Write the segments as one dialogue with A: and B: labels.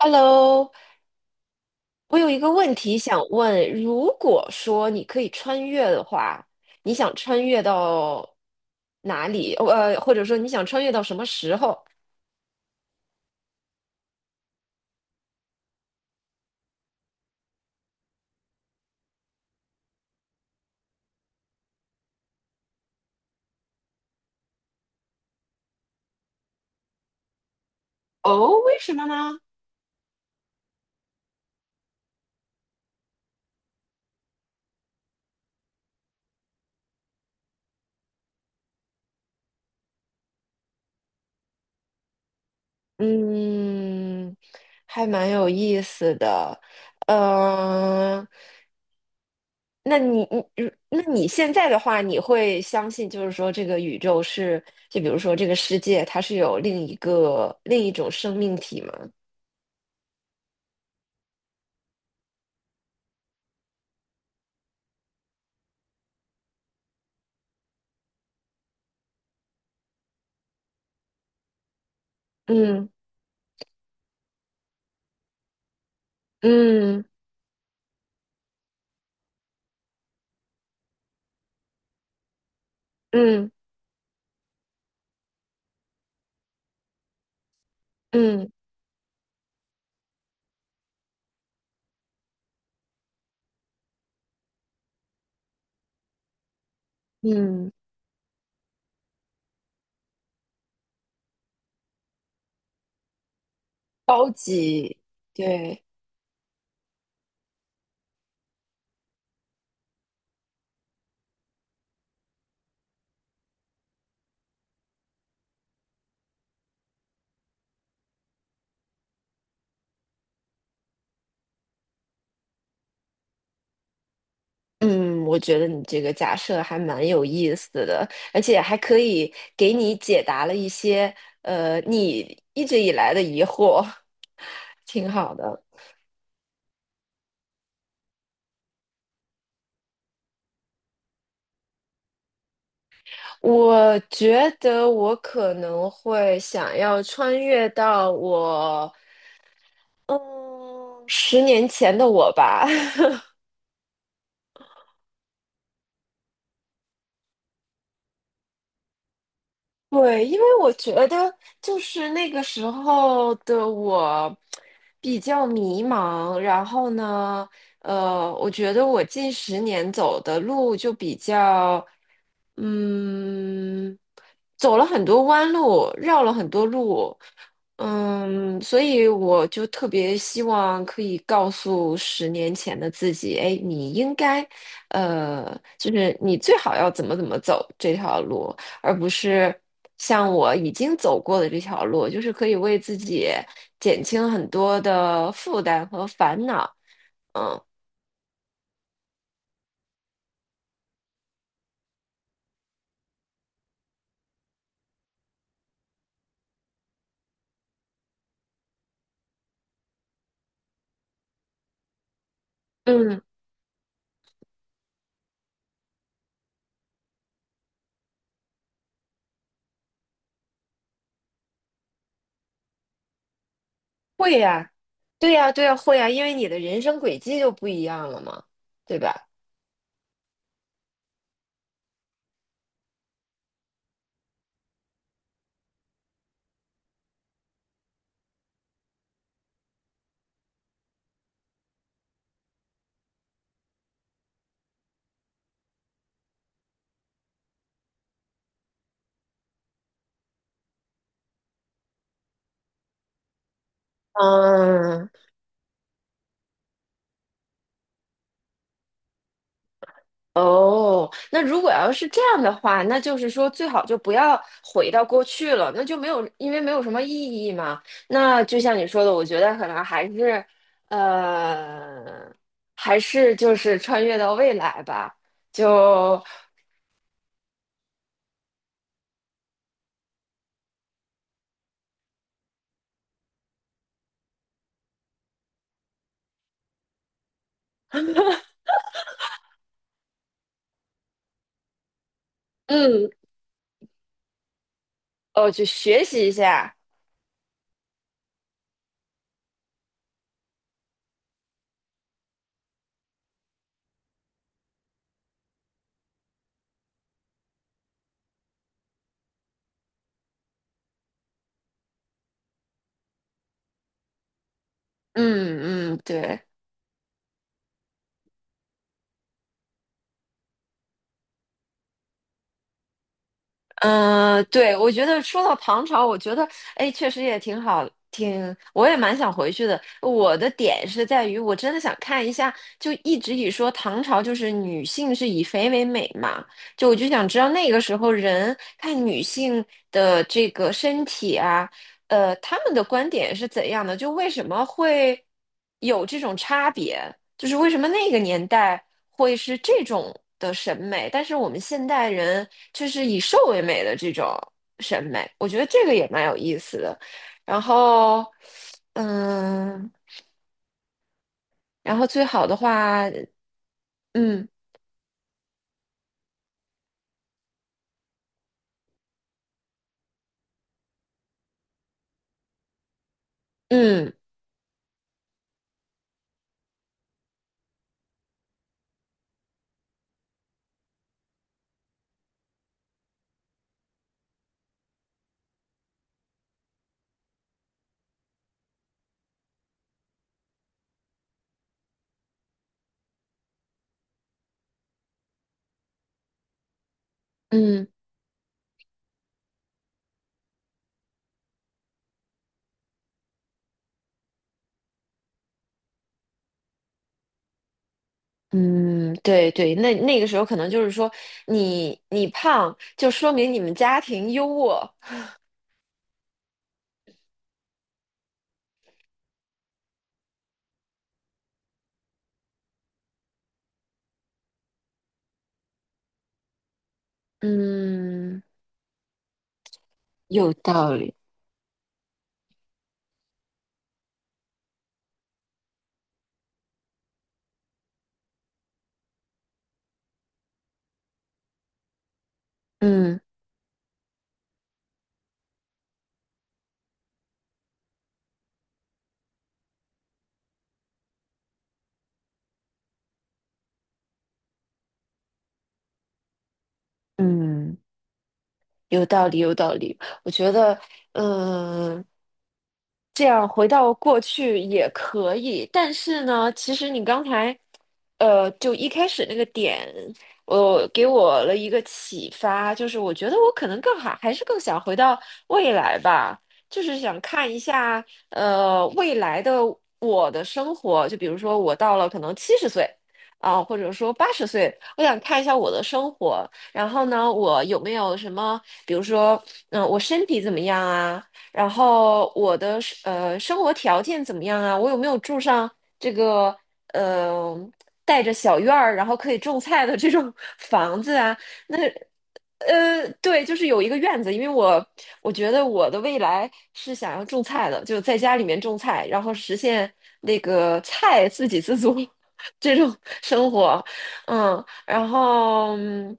A: Hello，我有一个问题想问：如果说你可以穿越的话，你想穿越到哪里？或者说你想穿越到什么时候？哦，为什么呢？嗯，还蛮有意思的。呃，那你现在的话，你会相信就是说这个宇宙是，就比如说这个世界，它是有另一种生命体吗？嗯。嗯嗯嗯嗯，高级，对，嗯，我觉得你这个假设还蛮有意思的，而且还可以给你解答了一些你一直以来的疑惑，挺好的。我觉得我可能会想要穿越到嗯十年前的我吧，对，因为我觉得就是那个时候的我比较迷茫，然后呢，我觉得我近十年走的路就比较，嗯，走了很多弯路，绕了很多路，所以我就特别希望可以告诉十年前的自己，哎，你应该，就是你最好要怎么走这条路。而不是像我已经走过的这条路，就是可以为自己减轻很多的负担和烦恼。嗯嗯，会呀，对呀，对呀，会呀，因为你的人生轨迹就不一样了嘛，对吧？嗯，哦，那如果要是这样的话，那就是说最好就不要回到过去了，那就没有，因为没有什么意义嘛。那就像你说的，我觉得可能还是，呃，还是就是穿越到未来吧，就，嗯，哦，就学习一下，嗯嗯，对。嗯，对，我觉得说到唐朝，我觉得哎，确实也挺好，我也蛮想回去的。我的点是在于，我真的想看一下，就一直以说唐朝就是女性是以肥为美嘛，就我就想知道那个时候人看女性的这个身体啊，他们的观点是怎样的，就为什么会有这种差别？就是为什么那个年代会是这种的审美，但是我们现代人却是以瘦为美的这种审美，我觉得这个也蛮有意思的。然后，嗯，然后最好的话，嗯嗯嗯嗯，对对，那个时候可能就是说你你胖，就说明你们家庭优渥，嗯，有道理，嗯嗯。有道理，有道理。我觉得，嗯，这样回到过去也可以，但是呢，其实你刚才，就一开始那个点，我给我了一个启发，就是我觉得我可能更好，还是更想回到未来吧，就是想看一下，未来的我的生活，就比如说我到了可能70岁啊，或者说80岁，我想看一下我的生活。然后呢，我有没有什么，比如说，我身体怎么样啊？然后我的生活条件怎么样啊？我有没有住上这个呃带着小院儿，然后可以种菜的这种 房子啊？那对，就是有一个院子，因为我觉得我的未来是想要种菜的，就在家里面种菜，然后实现那个菜自给自足 这种生活，嗯。然后，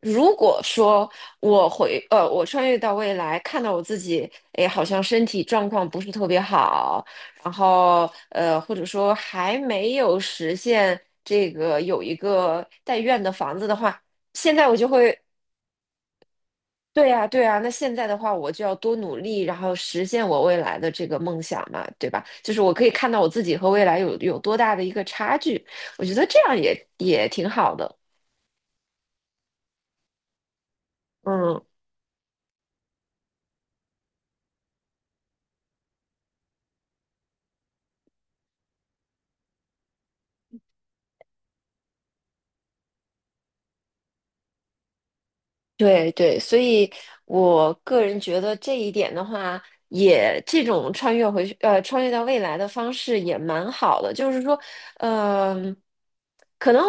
A: 如果说我穿越到未来，看到我自己，哎，好像身体状况不是特别好，然后或者说还没有实现这个有一个带院的房子的话，现在我就会，对呀，对呀，那现在的话，我就要多努力，然后实现我未来的这个梦想嘛，对吧？就是我可以看到我自己和未来有多大的一个差距，我觉得这样也也挺好的，嗯。对对，所以我个人觉得这一点的话，也这种穿越回去，穿越到未来的方式也蛮好的。就是说，嗯、可能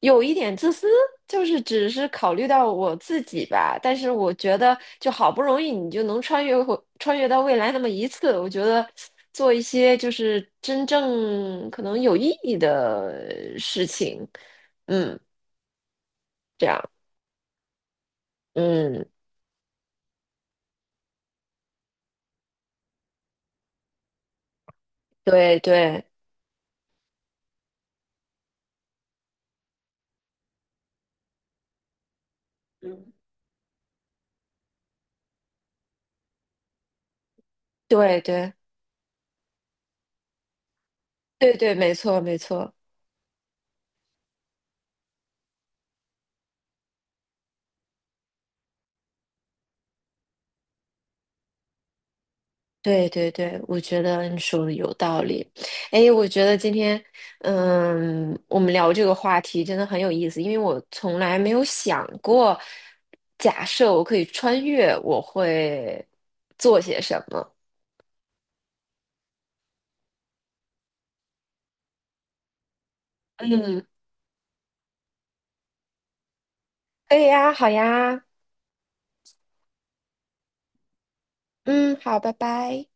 A: 有一点自私，就是只是考虑到我自己吧。但是我觉得，就好不容易你就能穿越到未来那么一次，我觉得做一些就是真正可能有意义的事情，嗯，这样，嗯，对对。嗯。对对对对，没错没错，对对对，我觉得你说的有道理。哎，我觉得今天，我们聊这个话题真的很有意思，因为我从来没有想过，假设我可以穿越，我会做些什么。嗯，可以呀，好呀，嗯，好，拜拜。